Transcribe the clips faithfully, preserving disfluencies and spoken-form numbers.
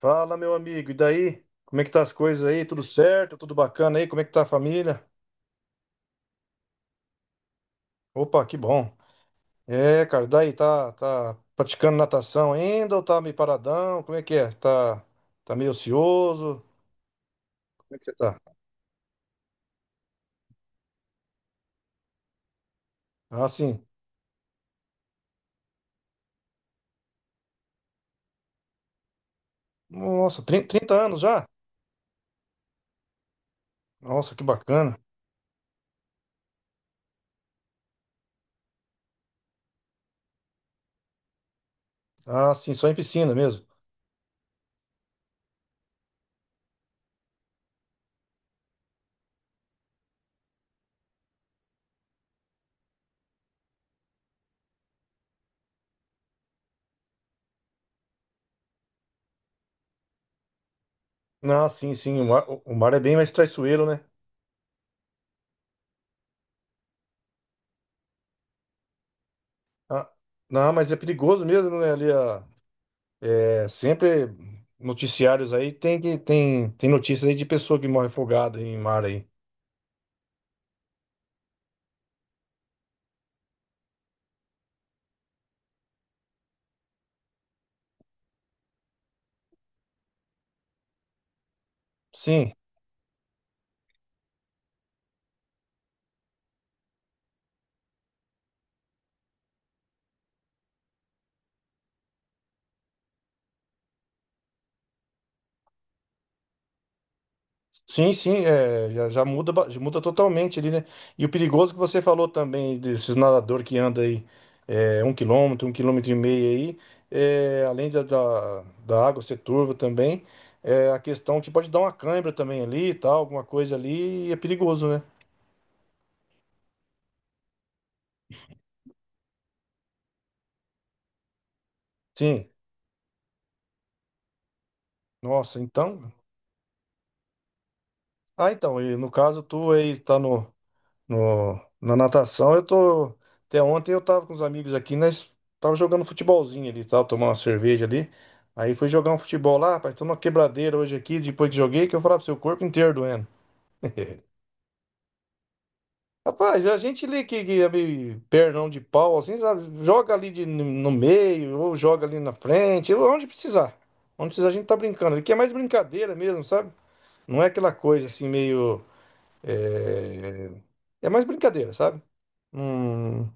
Fala, meu amigo, e daí? Como é que tá as coisas aí? Tudo certo? Tudo bacana aí? Como é que tá a família? Opa, que bom. É, cara, daí tá, tá praticando natação ainda ou tá meio paradão? Como é que é? Tá, tá meio ocioso? Como é que você tá? Ah, sim. Nossa, trinta, trinta anos já? Nossa, que bacana. Ah, sim, só em piscina mesmo. Ah, sim, sim, o mar, o mar é bem mais traiçoeiro, né? Ah, não, mas é perigoso mesmo, né? Ali a, É sempre noticiários aí tem que tem tem notícias aí de pessoa que morre afogada em mar aí. Sim, sim, sim, é, já, já muda ba- já muda totalmente ali, né? E o perigoso que você falou também desses nadador que anda aí, é, um quilômetro, um quilômetro e meio aí, é, além da, da, da água ser turva também, é, a questão que pode dar uma cãibra também ali, e tal, alguma coisa ali, e é perigoso, né? Sim. Nossa, então. Ah, então, e no caso tu aí tá no No, na natação eu tô. Até ontem eu tava com os amigos aqui, nós tava jogando futebolzinho ali, e tal, tomando uma cerveja ali. Aí fui jogar um futebol lá, rapaz, tô numa quebradeira hoje aqui, depois que joguei, que eu falava pro seu corpo inteiro doendo. Rapaz, a gente ali que, que é meio pernão de pau, assim, sabe? Joga ali de, no meio, ou joga ali na frente, ou onde precisar. Onde precisar a gente tá brincando. Aqui é mais brincadeira mesmo, sabe? Não é aquela coisa assim meio. É, é mais brincadeira, sabe? Hum.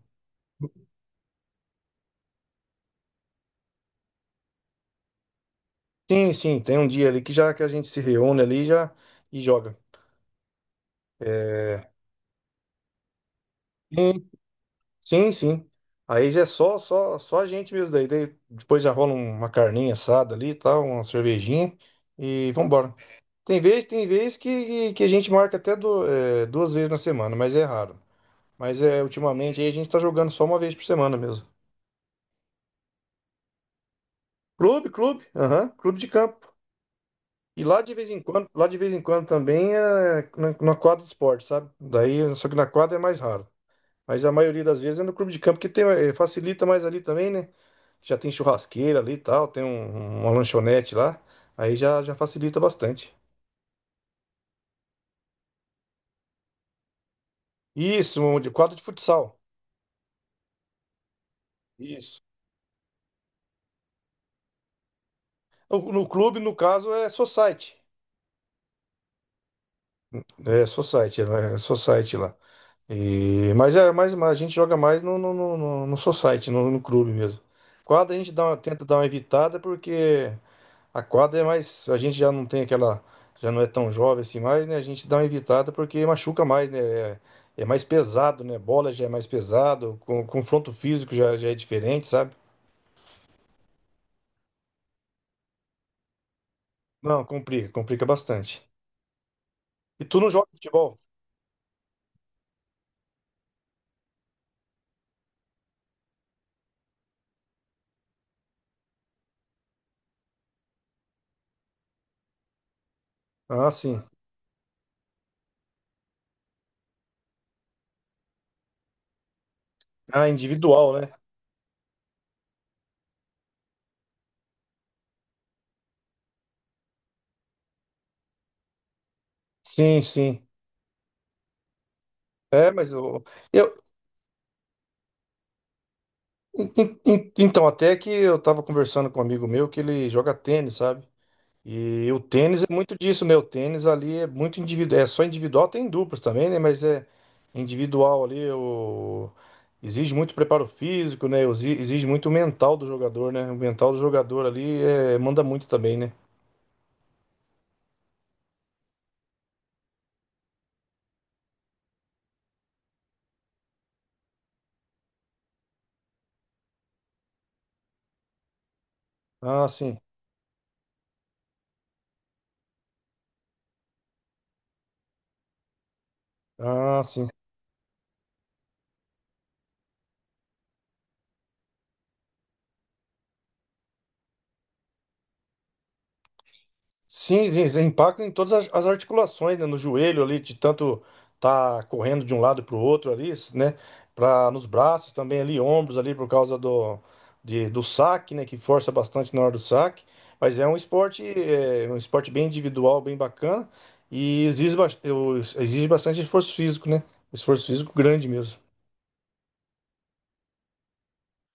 Sim, sim, tem um dia ali que já que a gente se reúne ali e já e joga. É, sim, sim, sim. Aí já é só, só, só a gente mesmo daí. Daí depois já rola um, uma carninha assada ali, e tal, uma cervejinha e vambora. Tem vez, tem vez que, que a gente marca até do- é, duas vezes na semana, mas é raro. Mas é ultimamente aí a gente tá jogando só uma vez por semana mesmo. Clube, clube, aham, clube de campo. E lá de vez em quando, lá de vez em quando também é na, na quadra de esporte, sabe? Daí, só que na quadra é mais raro. Mas a maioria das vezes é no clube de campo, que tem, eh, facilita mais ali também, né? Já tem churrasqueira ali e tal, tem um- uma lanchonete lá. Aí já, já facilita bastante. Isso, um de quadro de futsal. Isso. No, no clube, no caso, é society. É society, né? É society lá. E, mas, é, mas, mas a gente joga mais no, no, no, no no society, no, no clube mesmo. Quadra a gente dá uma- tenta dar uma evitada porque. A quadra é mais. A gente já não tem aquela. Já não é tão jovem assim mais, né? A gente dá uma evitada porque machuca mais, né? É, é mais pesado, né? Bola já é mais pesado, com, confronto físico já, já é diferente, sabe? Não, complica, complica bastante. E tu não joga futebol? Ah, sim. Ah, individual, né? Sim, sim. É, mas eu, eu en- en- en- então até que eu tava conversando com um amigo meu que ele joga tênis, sabe? E o tênis é muito disso, né? O tênis ali é muito individual, é só individual, tem duplos também, né? Mas é individual ali. O... exige muito preparo físico, né? Exi- Exige muito o mental do jogador, né? O mental do jogador ali é... manda muito também, né? Ah, sim. Ah, sim. Sim, sim, impacta em todas as, as articulações, né? No joelho ali, de tanto tá correndo de um lado para o outro ali, né? Pra, nos braços também ali, ombros ali, por causa do, de, do saque, né? Que força bastante na hora do saque. Mas é um esporte, é, um esporte bem individual, bem bacana. E exige, bas- eu- exige bastante esforço físico, né? Esforço físico grande mesmo.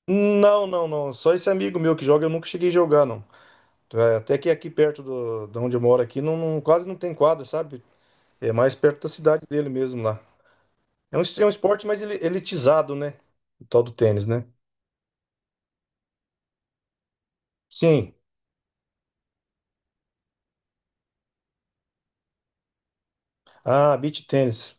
Não, não, não. Só esse amigo meu que joga, eu nunca cheguei a jogar, não. É, até que aqui perto do, de onde eu moro aqui, não, não- quase não tem quadra, sabe? É mais perto da cidade dele mesmo lá. É um, es- é um esporte mais ele- elitizado, né? O tal do tênis, né? Sim. Ah, beach tênis.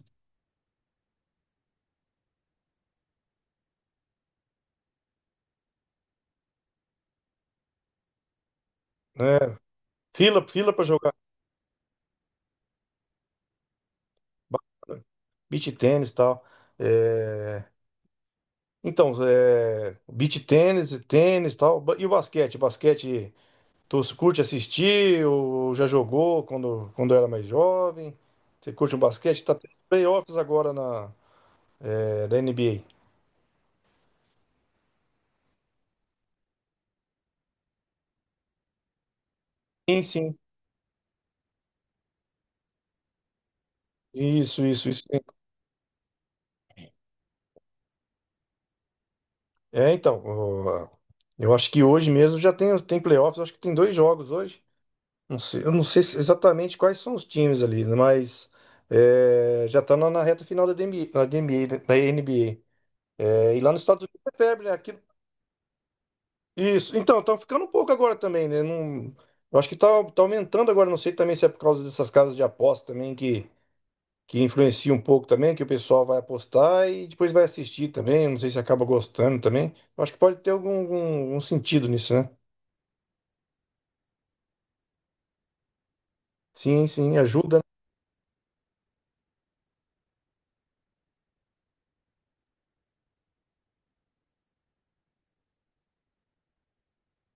É. Fila, fila para jogar. ba- Beach tênis e tal. É, Então, é... beach tênis, e tênis e tal. Ba- E o basquete? Basquete, tu curte assistir ou já jogou quando, quando era mais jovem? Você curte o basquete? Tá tendo playoffs agora na, é, da N B A. Sim, sim. Isso, isso, isso. É, então, o- eu acho que hoje mesmo já tem, tem playoffs, eu acho que tem dois jogos hoje. Não sei, eu não sei se- exatamente quais são os times ali, né, mas é, já tá na, na reta final da D N B da N B A, né, da N B A. É, e lá nos Estados Unidos é febre, né? Aquilo- isso, então, tá ficando um pouco agora também, né? Não, eu acho que tá, tá aumentando agora, não sei também se é por causa dessas casas de aposta também que que influencia um pouco também, que o pessoal vai apostar e depois vai assistir também. Não sei se acaba gostando também. Eu acho que pode ter algum, algum- algum sentido nisso, né? Sim, sim, ajuda.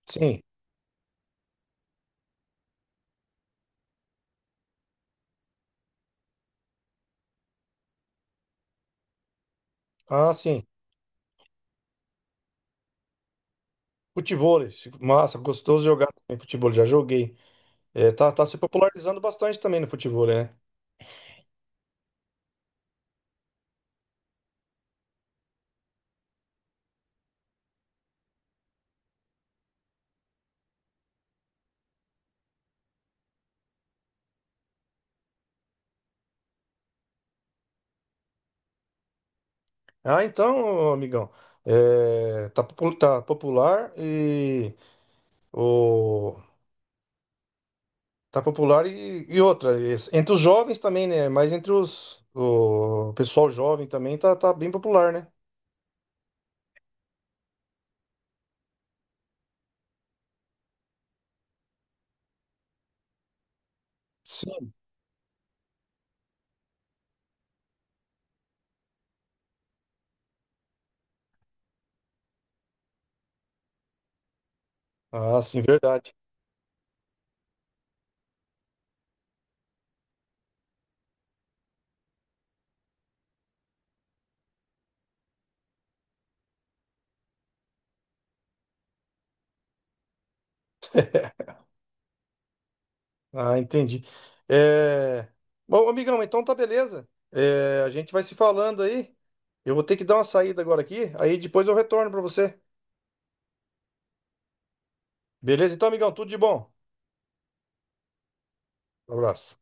Sim. Ah, sim. Futebol, massa, gostoso jogar também futebol, já joguei. É, tá, tá se popularizando bastante também no futebol, né? Ah, então, amigão, é, tá, popu- tá popular e o, Tá popular e, e outra, es- entre os jovens também, né? Mas entre os, o pessoal jovem também tá, tá bem popular, né? Sim. Ah, sim, verdade. Ah, entendi. É... Bom, amigão, então tá beleza. É, a gente vai se falando aí. Eu vou ter que dar uma saída agora aqui, aí depois eu retorno pra você. Beleza? Então, amigão, tudo de bom. Abraço.